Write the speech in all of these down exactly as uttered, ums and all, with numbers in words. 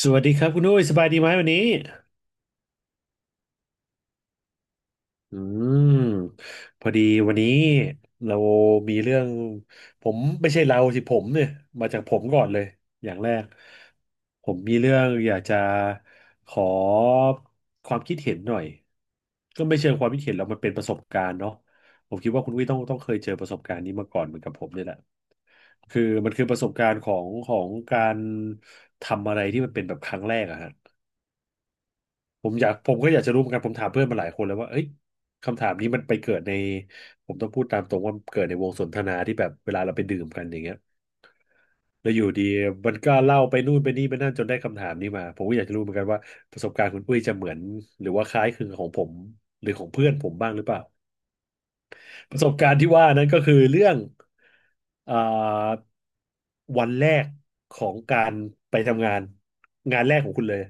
สวัสดีครับคุณอุ้ยสบายดีไหมวันนี้อืมพอดีวันนี้เรามีเรื่องผมไม่ใช่เราสิผมเนี่ยมาจากผมก่อนเลยอย่างแรกผมมีเรื่องอยากจะขอความคิดเห็นหน่อยก็ไม่เชิงความคิดเห็นเรามันเป็นประสบการณ์เนาะผมคิดว่าคุณอุ้ยต้องต้องเคยเจอประสบการณ์นี้มาก่อนเหมือนกับผมเนี่ยแหละคือมันคือประสบการณ์ของของการทำอะไรที่มันเป็นแบบครั้งแรกอะฮะ ผมอยากผมก็อยากจะรู้เหมือนกันผมถามเพื่อนมาหลายคนแล้วว่าเอ้ยคำถามนี้มันไปเกิดในผมต้องพูดตามตรงว่ามันเกิดในวงสนทนาที่แบบเวลาเราไปดื่มกันอย่างเงี้ยแล้วอยู่ดีมันก็เล่าไปนู่นไปนี่ไปนั่นจนได้คำถามนี้มา ผมก็อยากจะรู้เหมือนกันว่าประสบการณ์คุณอุ้ยจะเหมือนหรือว่าคล้ายคลึงกับของผมหรือของเพื่อนผมบ้างหรือเปล่า ประสบการณ์ที่ว่านั้นก็คือเรื่องเอ่อวันแรกของการไปทำงานงานแรกของคุณเลย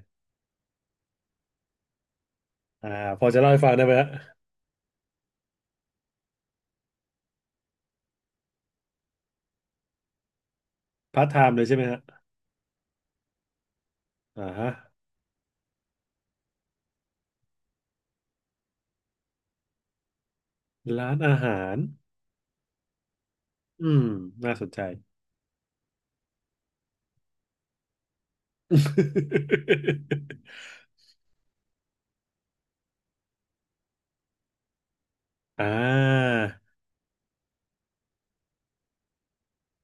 อ่าพอจะเล่าให้ฟังได้ไหมฮะพาร์ทไทม์เลยใช่ไหมฮะ อ่าฮะร้านอาหารอืมน่าสนใจ อ่า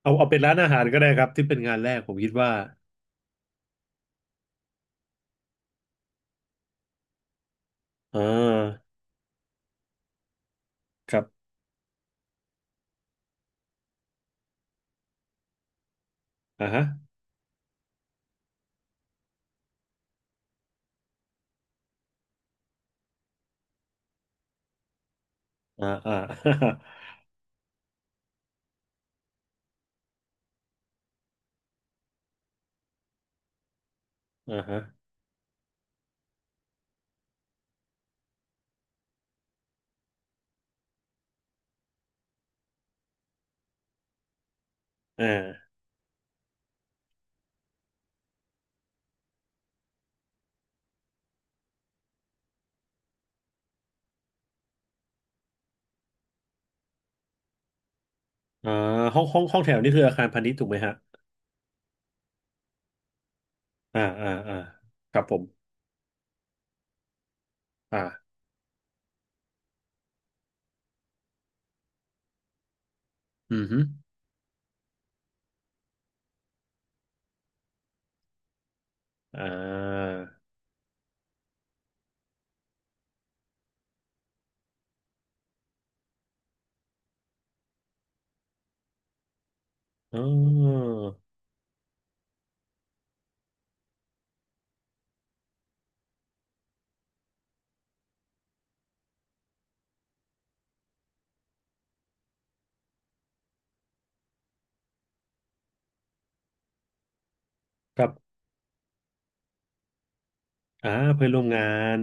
เอาเอาเป็นร้านอาหารก็ได้ครับที่เป็นงานแรกผมคิดว่าอ่าครับอ่าฮะอ่าอ่า อ่าฮะอ่าอ่าห้องห้องห้องแถวนี่คืออาคารพาณิชย์ถูกไหมฮะอ่าอ่าอ่าครับผมอ่าอือฮึอ่าอ๋อครับอ่าเพื่อนร่วมงาน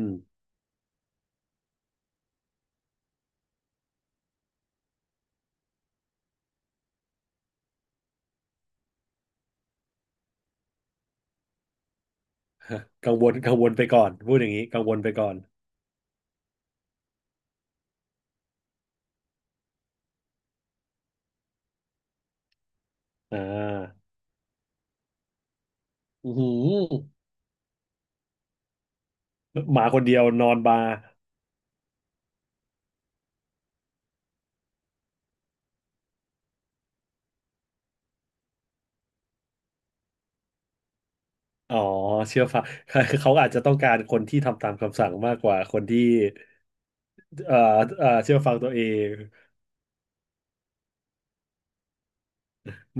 กังวลกังวลไปก่อนพูดอย่างนี้กังวลไปก่อนอ่า อือหือหมาคนเดียวนอนบาร์อ๋อเชื่อฟัง เขาอาจจะต้องการคนที่ทำตามคำสั่งมากกว่าคนที่เอ่อเอ่อเชื่อฟังตัวเอง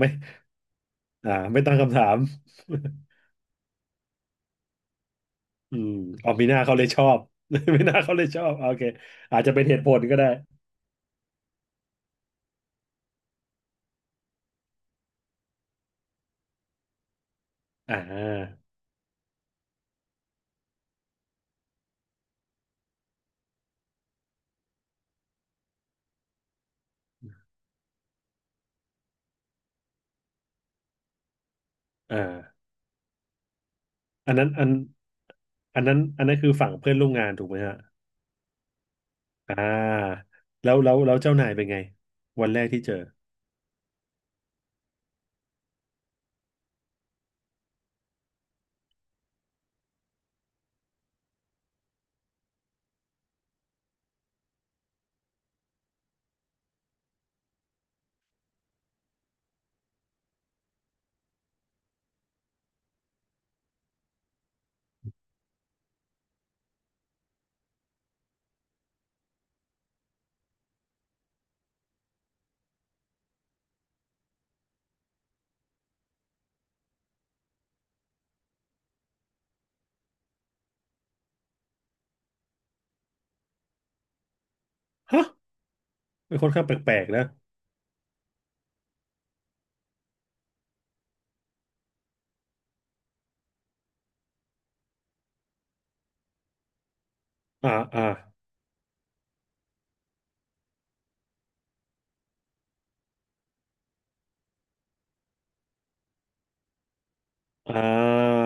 ไม่อ่าไม่ตั้งคำถาม อืมออมีหน้าเขาเลยชอบ มีหน้าเขาเลยชอบโอเคอาจจะเป็นเหตุผลก็ได้อ่าอ่าอันนั้นอันอันนั้นอันนั้นคือฝั่งเพื่อนร่วมงานถูกไหมฮะอ่าแล้วแล้วแล้วเจ้านายเป็นไงวันแรกที่เจอฮะเป็นคนข้างแปลกๆนะอ่าอ่า อ่า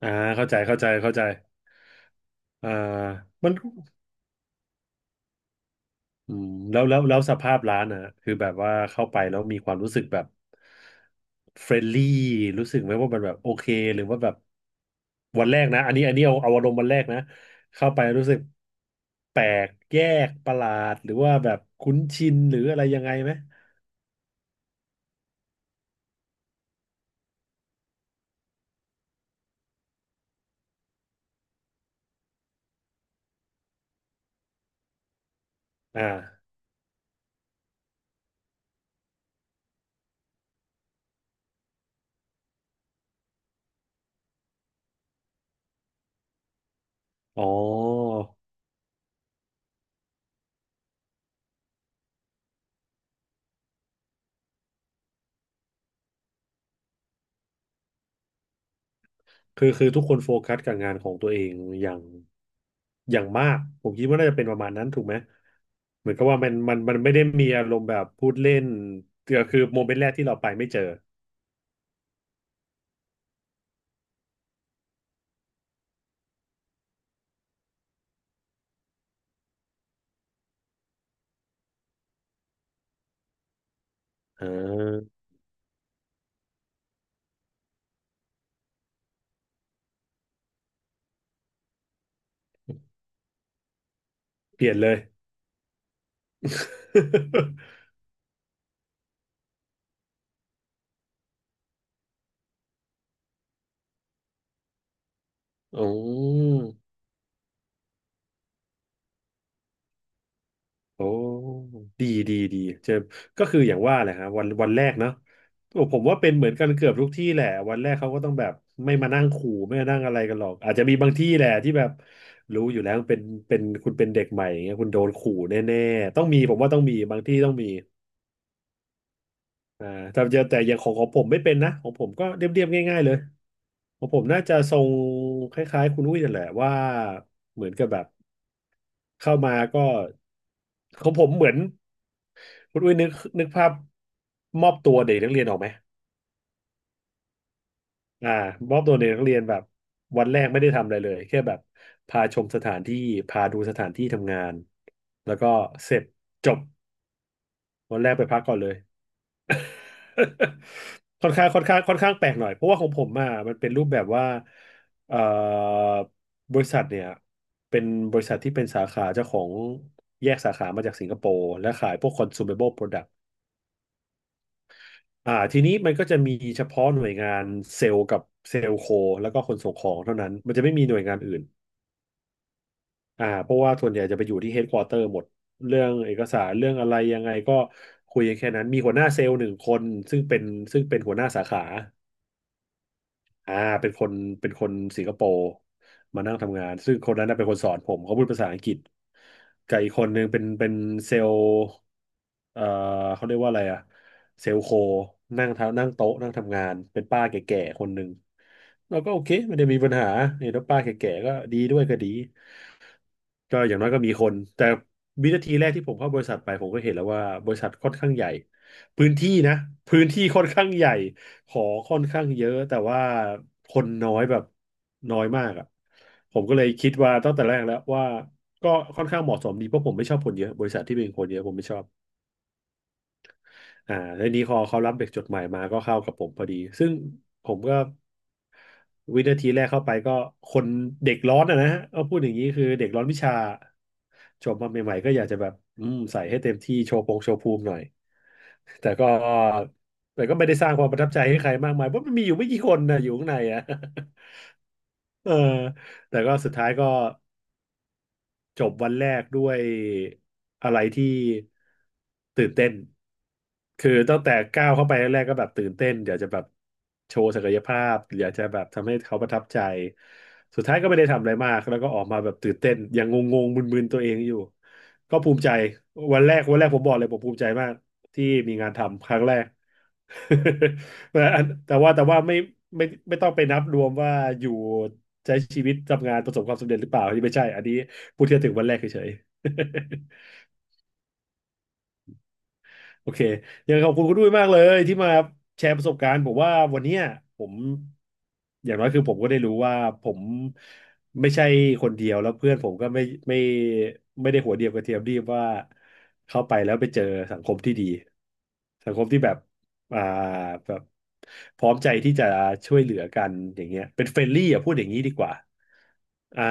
อ่าเข้าใจเข้าใจเข้าใจอ่ามันอืมแล้วแล้วแล้วสภาพร้านอ่ะคือแบบว่าเข้าไปแล้วมีความรู้สึกแบบเฟรนลี่รู้สึกไหมว่ามันแบบโอเคหรือว่าแบบวันแรกนะอันนี้อันนี้เอาเอาอารมณ์วันแรกนะเข้าไปรู้สึกแปลกแยกประหลาดหรือว่าแบบคุ้นชินหรืออะไรยังไงไหมอ่าอ๋อ คือคือทุกคนโฟกัสกับงานของตัวเองอย่างอย่างมากผมคิดว่าน่าจะเป็นประมาณนั้นถูกไหมเหมือนกับว่ามันมันมันไม่ได้มีอารมณ์แบบพูดเล่นก็คือโมเมนต์แรกที่เราไปไม่เจออ่าเปลี่ยนเลย อ๋อ โอ้ดีดีดีเจอก็คืออย่างว่าแหละครับวันวันแรกเนาะโอ้ผมว่าเป็นเหมือนกันเกือบทุกที่แหละวันแรกเขาก็ต้องแบบไม่มานั่งขู่ไม่มานั่งอะไรกันหรอกอาจจะมีบางที่แหละที่แบบรู้อยู่แล้วเป็นเป็นคุณเป็นเด็กใหม่อย่างเงี้ยคุณโดนขู่แน่ๆต้องมีผมว่าต้องมีบางที่ต้องมีอ่าแต่จะแต่อย่างของของผมไม่เป็นนะของผมก็เรียบๆง่ายๆเลยของผมน่าจะทรงคล้ายๆคุณอุ้ยนั่นแหละว่าเหมือนกับแบบเข้ามาก็ของผมเหมือน คุณอุ้ยนึกนึกภาพมอบตัวเด็กนักเรียนออกไหมอ่ามอบตัวเด็กนักเรียนแบบวันแรกไม่ได้ทำอะไรเลยแค่แบบพาชมสถานที่พาดูสถานที่ทำงานแล้วก็เสร็จจบวันแรกไปพักก่อนเลย ค่อนข้างค่อนข้างค่อนข้างแปลกหน่อยเพราะว่าของผมอ่ะมันเป็นรูปแบบว่าเอ่อบริษัทเนี่ยเป็นบริษัทที่เป็นสาขาเจ้าของแยกสาขามาจากสิงคโปร์และขายพวก consumable product อ่าทีนี้มันก็จะมีเฉพาะหน่วยงานเซลล์กับเซลล์โคแล้วก็คนส่งของเท่านั้นมันจะไม่มีหน่วยงานอื่นอ่าเพราะว่าส่วนใหญ่จะไปอยู่ที่เฮดควอเตอร์หมดเรื่องเอกสารเรื่องอะไรยังไงก็คุยกันแค่นั้นมีหัวหน้าเซลล์หนึ่งคนซึ่งเป็นซึ่งเป็นหัวหน้าสาขา อ่าเป็นคนเป็นคนสิงคโปร์มานั่งทำงานซึ่งคนนั้นน่ะเป็นคนสอนผมเขาพูดภาษาอังกฤษกับอีกคนนึงเป็นเป็นเซลล์เอ่อเขาเรียกว่าอะไรอะเซลล์โคนั่งทานั่งโต๊ะนั่งทำงานเป็นป้าแก่ๆคนหนึ่งเราก็โอเคไม่ได้มีปัญหาเนี่ยแล้วป้าแก่ๆก็ดีด้วยก็ดี ก็อย่างน้อยก็มีคนแต่วินาทีแรกที่ผมเข้าบริษัทไปผมก็เห็นแล้วว่าบริษัทค่อนข้างใหญ่พื้นที่นะพื้นที่ค่อนข้างใหญ่ขอค่อนข้างเยอะแต่ว่าคนน้อยแบบน้อยมากอ่ะผมก็เลยคิดว่าตั้งแต่แรกแล้วว่าก็ค่อนข้างเหมาะสมดีเพราะผมไม่ชอบคนเยอะบริษัทที่เป็นคนเยอะผมไม่ชอบ อ่าแล้วนี้พอเขารับเด็กจดใหม่มาก็เข้ากับผมพอดีซึ่งผมก็วินาทีแรกเข้าไปก็คนเด็กร้อนอะนะฮะเอาพูดอย่างนี้คือเด็กร้อนวิชาจบมาใหม่ๆก็อยากจะแบบอืมใส่ให้เต็มที่โชว์พงโชว์ภูมิหน่อยแต่ก็แต่ก็ไม่ได้สร้างความประทับใจให้ใครมากมายเพราะมันมีอยู่ไม่กี่คนนะอยู่ข้างในอะ เออแต่ก็สุดท้ายก็ จบวันแรกด้วยอะไรที่ตื่นเต้น คือตั้งแต่ก้าวเข้าไปแรกๆก็แบบตื่นเต้นอยากจะแบบโชว์ศักยภาพอยากจะแบบทำให้เขาประทับใจ สุดท้ายก็ไม่ได้ทำอะไรมากแล้วก็ออกมาแบบตื่นเต้นยังงงๆมึนๆตัวเองอยู่ก็ภูมิใจวันแรกวันแรกผมบอกเลยผมภูมิใจมากที่มีงานทำครั้งแรก แต่อันแต่ว่าแต่ว่าไม่ไม่ไม่ต้องไปนับรวมว่าอยู่ใช้ชีวิตทำงานประสบความสำเร็จหรือเปล่าอันนี้ไม่ใช่อันนี้พูดแค่ถึงวันแรกเฉย โอเคยังขอบคุณคุณด้วยมากเลยที่มาแชร์ประสบการณ์ผมว่าวันเนี้ยผมอย่างน้อยคือผมก็ได้รู้ว่าผมไม่ใช่คนเดียวแล้วเพื่อนผมก็ไม่ไม่ไม่ได้หัวเดียวกับเทียมดีบว่าเข้าไปแล้วไปเจอสังคมที่ดีสังคมที่แบบอ่าแบบพร้อมใจที่จะช่วยเหลือกันอย่างเงี้ยเป็นเฟรนลี่อ่ะพูดอย่างนี้ดีกว่าอ่า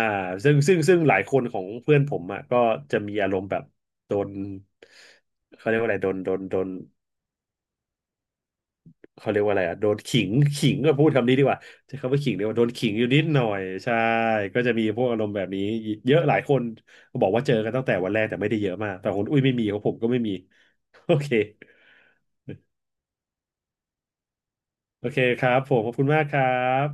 ซึ่งซึ่งซึ่งหลายคนของเพื่อนผมอ่ะก็จะมีอารมณ์แบบ โดนเขาเรียกว่าอะไรโดนโดนโดนเขาเรียกว่าอะไรอ่ะโดนขิง ขิงก็พูดคำนี้ดีกว่าใช้คำว่าขิงดีกว่าโดนขิงอยู่นิดหน่อยใช่ก็จะมีพวกอารมณ์แบบนี้เยอะหลายคนบอกว่าเจอกันตั้งแต่วันแรกแต่ไม่ได้เยอะมากแต่คนอุ้ยไม่มีของผมก็ไม่มี โอเคโอเคครับผมขอบคุณมากครับ